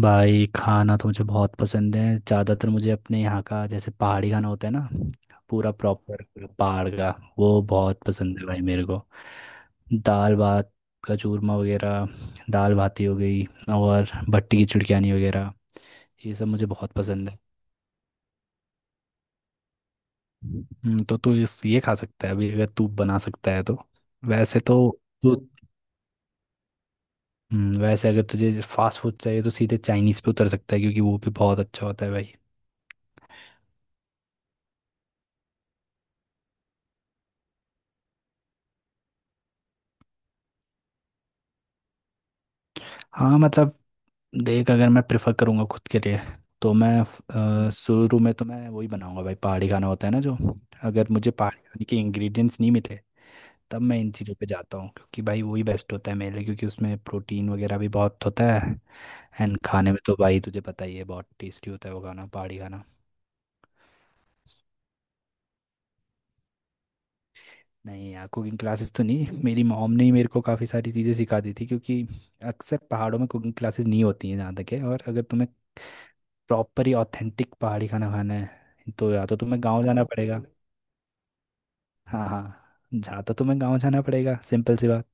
भाई खाना तो मुझे बहुत पसंद है। ज़्यादातर मुझे अपने यहाँ का जैसे पहाड़ी खाना होता है ना, पूरा प्रॉपर पहाड़ का, वो बहुत पसंद है भाई मेरे को। दाल भात का चूरमा वगैरह, दाल भाती हो गई, और भट्टी की चुड़कानी वगैरह, ये सब मुझे बहुत पसंद है। तो तू इस ये खा सकता है अभी, अगर तू बना सकता है तो। वैसे तो तू वैसे अगर तुझे फास्ट फूड चाहिए तो सीधे चाइनीज़ पे उतर सकता है, क्योंकि वो भी बहुत अच्छा होता है भाई। हाँ, मतलब देख, अगर मैं प्रेफर करूँगा खुद के लिए तो मैं शुरू में तो मैं वही बनाऊंगा भाई, पहाड़ी खाना होता है ना जो। अगर मुझे पहाड़ी खाने के इंग्रेडिएंट्स नहीं मिले तब मैं इन चीज़ों पे जाता हूँ, क्योंकि भाई वही बेस्ट होता है मेरे लिए, क्योंकि उसमें प्रोटीन वगैरह भी बहुत होता है। एंड खाने में तो भाई तुझे पता ही है, बहुत टेस्टी होता है वो खाना, पहाड़ी खाना। नहीं यार, कुकिंग क्लासेस तो नहीं, मेरी मॉम ने ही मेरे को काफ़ी सारी चीज़ें सिखा दी थी। क्योंकि अक्सर पहाड़ों में कुकिंग क्लासेस नहीं होती हैं जहाँ तक है, और अगर तुम्हें प्रॉपर ही ऑथेंटिक पहाड़ी खाना खाना है तो या तो तुम्हें गांव जाना पड़ेगा। हाँ हाँ, जहाँ तो तुम्हें गांव जाना पड़ेगा, सिंपल सी बात।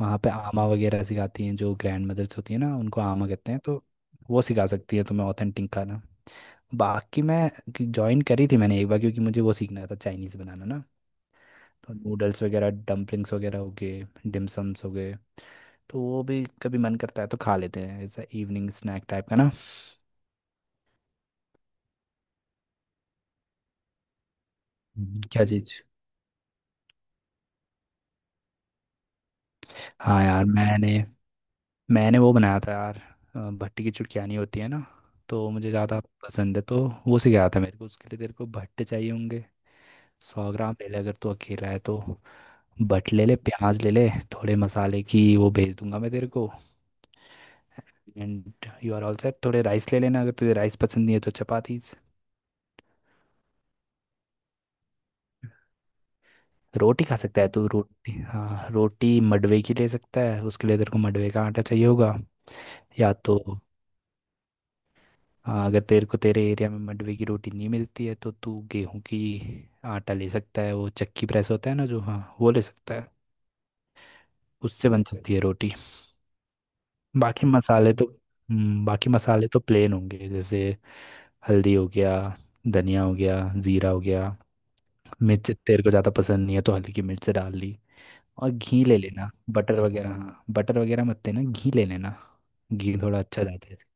वहाँ पे आमा वगैरह सिखाती हैं, जो ग्रैंड मदर्स होती है ना उनको आमा कहते हैं तो। वो सिखा सकती है तुम्हें ऑथेंटिक खाना। बाकी मैं ज्वाइन करी थी मैंने एक बार, क्योंकि मुझे वो सीखना था चाइनीज़ बनाना ना। तो नूडल्स वगैरह, डम्पलिंग्स वगैरह हो गए, डिमसम्स हो गए, तो वो भी कभी मन करता है तो खा लेते हैं, ऐसा इवनिंग स्नैक टाइप का ना। क्या चीज़? हाँ यार, मैंने मैंने वो बनाया था यार। भट्टी की चुटकियानी होती है ना। तो मुझे ज़्यादा पसंद है तो वो सिखाया था मेरे को। उसके लिए तेरे को भट्टे चाहिए होंगे। 100 ग्राम ले ले, अगर तू अकेला है तो। भट ले ले, प्याज ले ले, थोड़े मसाले की वो भेज दूंगा मैं तेरे को। And you are all set. थोड़े राइस ले लेना, अगर तुझे राइस पसंद नहीं है तो चपातीस, रोटी खा सकता है तू। रोटी हाँ, रोटी मडवे की ले सकता है, उसके लिए तेरे को मडवे का आटा चाहिए होगा। या तो हाँ, अगर तेरे को तेरे एरिया में मंडवे की रोटी नहीं मिलती है तो तू गेहूं की आटा ले सकता है, वो चक्की प्रेस होता है ना जो, हाँ वो ले सकता है। उससे बन सकती है रोटी। बाकी मसाले तो बाकी मसाले तो प्लेन होंगे, जैसे हल्दी हो गया, धनिया हो गया, जीरा हो गया, मिर्च तेरे को ज़्यादा पसंद नहीं है तो हल्की मिर्च डाल ली। और घी ले लेना, बटर वगैरह, हाँ बटर वगैरह मत लेना, घी ले लेना। घी थोड़ा अच्छा जाता है इसमें।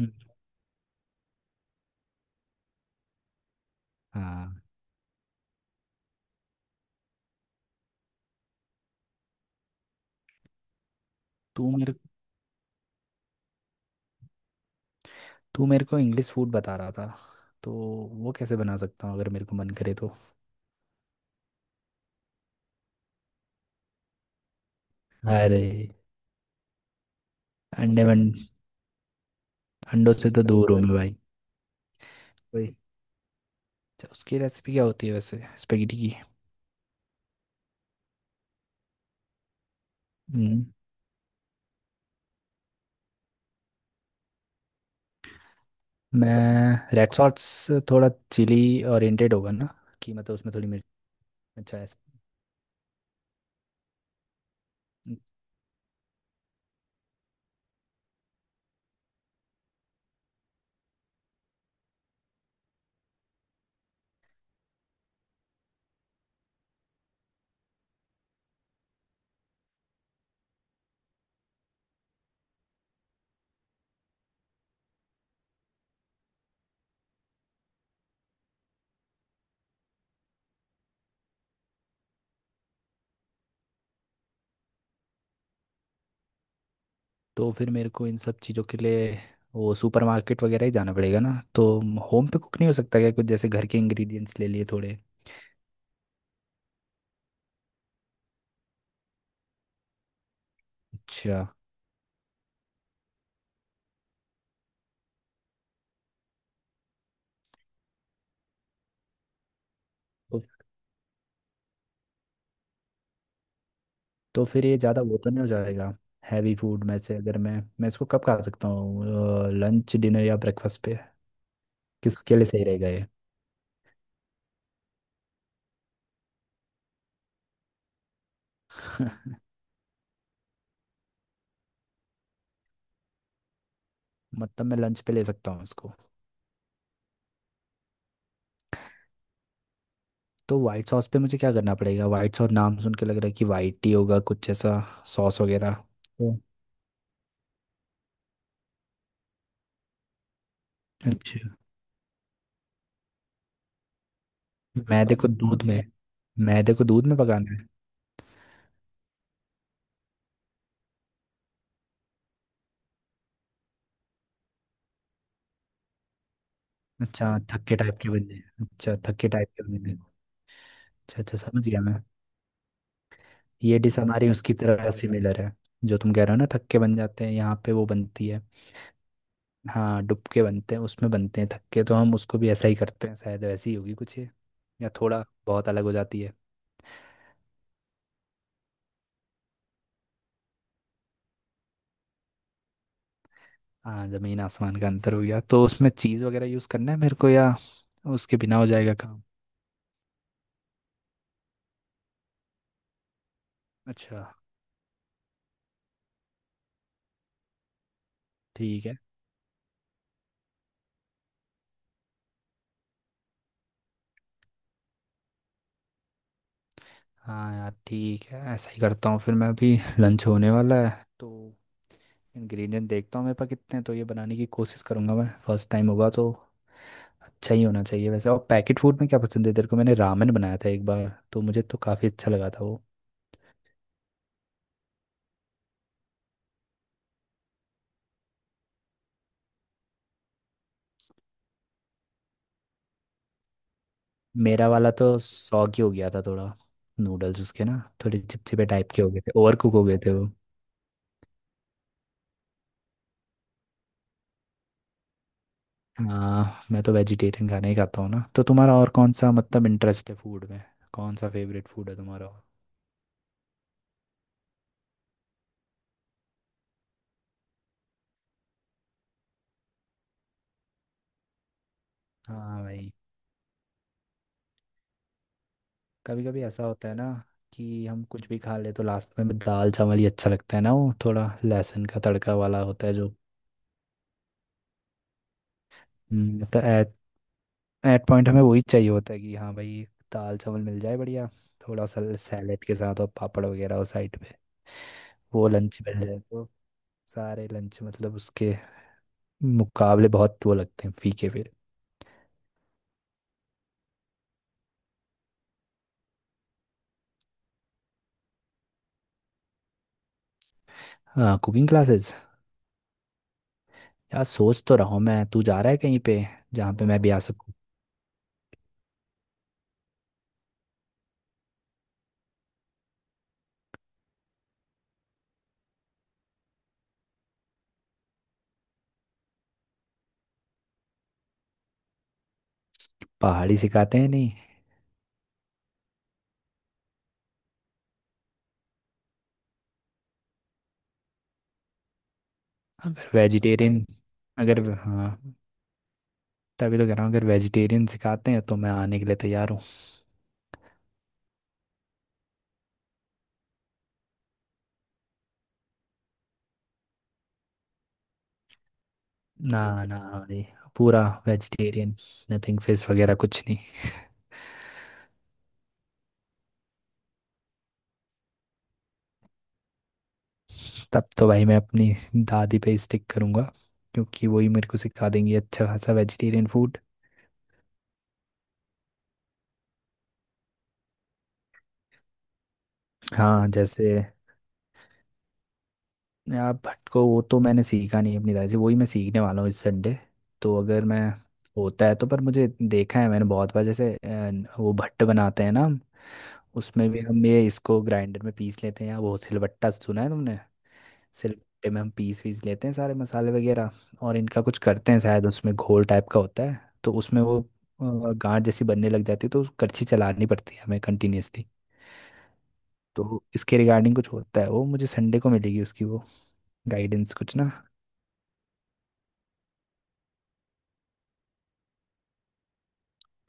हम्म, हाँ, तू मेरे तू मेरे को इंग्लिश फूड बता रहा था, तो वो कैसे बना सकता हूँ अगर मेरे को मन करे तो। अरे, अंडे वन, अंडों से तो दूर हूँ मैं भाई। वही। अच्छा, उसकी रेसिपी क्या होती है वैसे स्पेगेटी की? हम्म, मैं रेड सॉस, थोड़ा चिली ओरिएंटेड होगा ना, कि मतलब उसमें थोड़ी मिर्च। अच्छा ऐसा। तो फिर मेरे को इन सब चीज़ों के लिए वो सुपरमार्केट वगैरह ही जाना पड़ेगा ना तो? होम पे कुक नहीं हो सकता क्या, कुछ जैसे घर के इंग्रेडिएंट्स ले लिए थोड़े? अच्छा। तो फिर ये ज़्यादा वो तो नहीं हो जाएगा, हैवी फूड में से? अगर मैं मैं इसको कब खा सकता हूँ, लंच डिनर या ब्रेकफास्ट पे? किसके लिए सही रहेगा ये? मतलब मैं लंच पे ले सकता हूँ इसको? तो वाइट सॉस पे मुझे क्या करना पड़ेगा? वाइट सॉस नाम सुन के लग रहा है कि वाइट ही होगा कुछ ऐसा, सॉस वगैरह तो। अच्छा, मैदे को दूध में मैदे को दूध में पकाना है। अच्छा थक्के टाइप के बन जाए? अच्छा अच्छा, समझ गया मैं। ये डिश हमारी उसकी तरह सिमिलर है, जो तुम कह रहे हो ना, थक्के बन जाते हैं, यहाँ पे वो बनती है। हाँ, डुबके बनते हैं, उसमें बनते हैं थक्के, तो हम उसको भी ऐसा ही करते हैं शायद, वैसी ही होगी कुछ ये, या थोड़ा बहुत अलग हो जाती है। हाँ। जमीन आसमान का अंतर हो गया। तो उसमें चीज़ वगैरह यूज़ करना है मेरे को, या उसके बिना हो जाएगा काम? अच्छा ठीक है। हाँ यार ठीक है, ऐसा ही करता हूँ फिर मैं। अभी लंच होने वाला है तो, इंग्रेडिएंट देखता हूँ मेरे पास कितने हैं, तो ये बनाने की कोशिश करूँगा मैं, फर्स्ट टाइम होगा तो अच्छा ही होना चाहिए वैसे। और पैकेट फूड में क्या पसंद है तेरे को? मैंने रामेन बनाया था एक बार, तो मुझे तो काफ़ी अच्छा लगा था वो। मेरा वाला तो सौ की हो गया था थोड़ा, नूडल्स उसके ना थोड़े चिपचिपे टाइप के हो गए थे, ओवर कुक हो गए थे वो। हाँ, मैं तो वेजिटेरियन खाना ही खाता हूँ ना। तो तुम्हारा और कौन सा मतलब इंटरेस्ट है फूड में? कौन सा फेवरेट फूड है तुम्हारा और? हाँ भाई, कभी कभी ऐसा होता है ना कि हम कुछ भी खा ले तो लास्ट में दाल चावल ही अच्छा लगता है ना, वो थोड़ा लहसुन का तड़का वाला होता है जो। तो एट एट पॉइंट हमें वही चाहिए होता है, कि हाँ भाई दाल चावल मिल जाए बढ़िया। थोड़ा सा सैलेड के साथ, और पापड़ वगैरह हो साइड, वो लंच मिल जाए तो, सारे लंच मतलब उसके मुकाबले बहुत वो लगते हैं फीके फिर। हाँ कुकिंग क्लासेस, यार सोच तो रहा हूँ मैं। तू जा रहा है कहीं पे जहाँ पे मैं भी आ सकूँ? पहाड़ी सिखाते हैं नहीं? अगर वेजिटेरियन, अगर हाँ, तभी तो कह रहा हूँ, अगर वेजिटेरियन सिखाते हैं तो मैं आने के लिए तैयार हूँ। ना ना भाई, पूरा वेजिटेरियन, नथिंग, फिश वगैरह कुछ नहीं। तब तो भाई मैं अपनी दादी पे स्टिक करूँगा, क्योंकि वही मेरे को सिखा देंगी अच्छा खासा वेजिटेरियन फूड। हाँ जैसे, यार भट को वो तो मैंने सीखा नहीं अपनी दादी से, वही मैं सीखने वाला हूँ इस संडे। तो अगर मैं होता है तो, पर मुझे देखा है मैंने बहुत बार, जैसे वो भट्ट बनाते हैं ना। उसमें भी हम ये इसको ग्राइंडर में पीस लेते हैं, या वो सिलबट्टा सुना है तुमने? सिलबट्टे में हम पीस वीस लेते हैं सारे मसाले वगैरह, और इनका कुछ करते हैं शायद, उसमें घोल टाइप का होता है, तो उसमें वो गांठ जैसी बनने लग जाती है, तो करछी चलानी पड़ती है हमें कंटिन्यूअसली। तो इसके रिगार्डिंग कुछ होता है, वो मुझे संडे को मिलेगी उसकी वो गाइडेंस कुछ ना।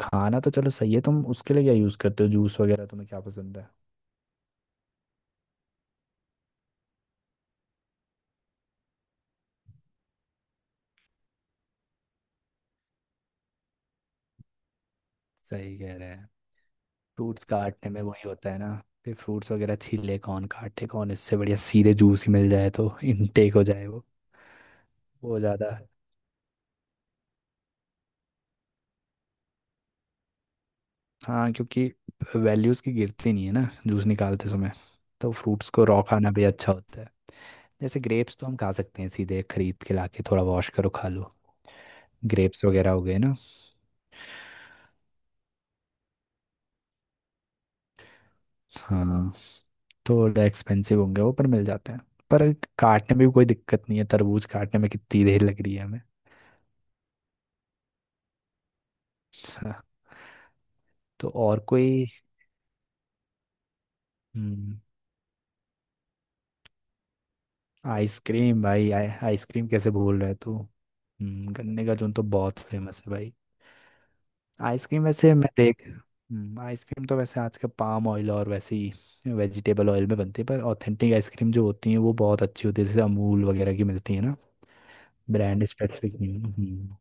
खाना तो चलो सही है। तुम उसके लिए क्या यूज़ करते हो, जूस वगैरह तुम्हें क्या पसंद है? सही कह रहे हैं। फ्रूट्स काटने में वही होता है ना कि फ्रूट्स वगैरह छीले कौन, काटे कौन, इससे बढ़िया सीधे जूस ही मिल जाए तो इनटेक हो जाए वो ज़्यादा। हाँ, क्योंकि वैल्यूज़ की गिरती नहीं है ना जूस निकालते समय, तो फ्रूट्स को रॉ खाना भी अच्छा होता है। जैसे ग्रेप्स तो हम खा सकते हैं सीधे, खरीद के लाके थोड़ा वॉश करो खा लो, ग्रेप्स वगैरह हो गए ना। हाँ, थोड़े एक्सपेंसिव होंगे वो पर मिल जाते हैं। पर काटने में भी कोई दिक्कत नहीं है, तरबूज काटने में कितनी देर लग रही है हमें। हाँ, तो और कोई? हम्म, आइसक्रीम भाई, आइसक्रीम कैसे भूल रहे तू। गन्ने का जून तो बहुत फेमस है भाई। आइसक्रीम वैसे मैं देख, आइसक्रीम तो वैसे आज के पाम ऑयल और वैसे ही वेजिटेबल ऑयल में बनती है, पर ऑथेंटिक आइसक्रीम जो होती है वो बहुत अच्छी होती है, जैसे अमूल वगैरह की मिलती है ना। ब्रांड स्पेसिफिक नहीं है।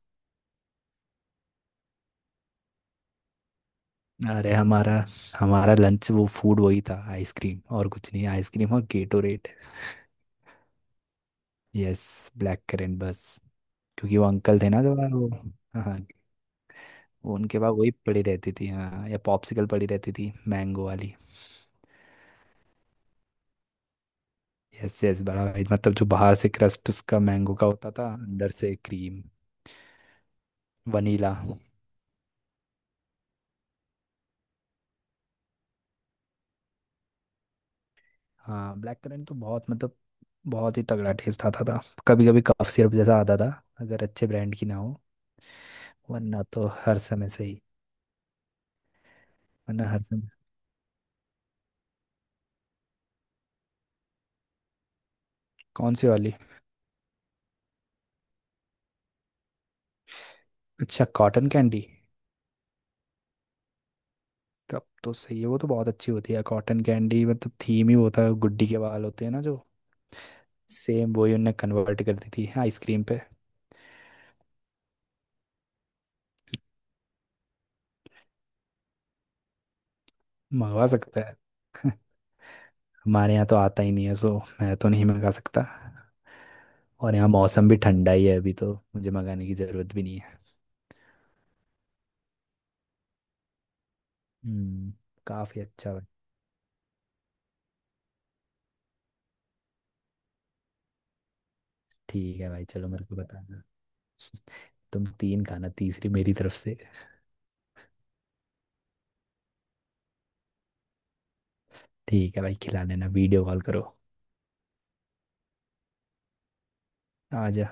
अरे हमारा हमारा लंच वो फूड वही था, आइसक्रीम और कुछ नहीं, आइसक्रीम और गेटोरेट। यस, ब्लैक करेंट बस। क्योंकि वो अंकल थे ना जो वो, हाँ, वो उनके पास वही पड़ी रहती थी, हाँ, या पॉप्सिकल पड़ी रहती थी मैंगो वाली। यस यस, बड़ा भाई मतलब, जो बाहर से क्रस्ट उसका मैंगो का होता था, अंदर से क्रीम, वनीला। हाँ, ब्लैक करंट तो बहुत, मतलब बहुत ही तगड़ा टेस्ट आता था, कभी कभी कफ सिरप जैसा आता था अगर अच्छे ब्रांड की ना हो। वरना तो हर समय से ही। वरना हर समय। कौन सी वाली? अच्छा, कॉटन कैंडी। तब तो सही है, वो तो बहुत अच्छी होती है कॉटन कैंडी, मतलब थीम ही होता है गुड्डी के बाल होते हैं ना जो, सेम वही उनने कन्वर्ट कर दी थी आइसक्रीम पे। मंगवा सकता है। हमारे यहाँ तो आता ही नहीं है सो, मैं तो नहीं मंगा सकता। और यहाँ मौसम भी ठंडा ही है अभी, तो मुझे मंगाने की ज़रूरत भी नहीं है। हम्म। काफ़ी अच्छा भाई। ठीक है भाई, चलो मेरे को बताना। तुम तीन खाना, तीसरी मेरी तरफ से। ठीक है भाई, खिला लेना, वीडियो कॉल करो। आ जा।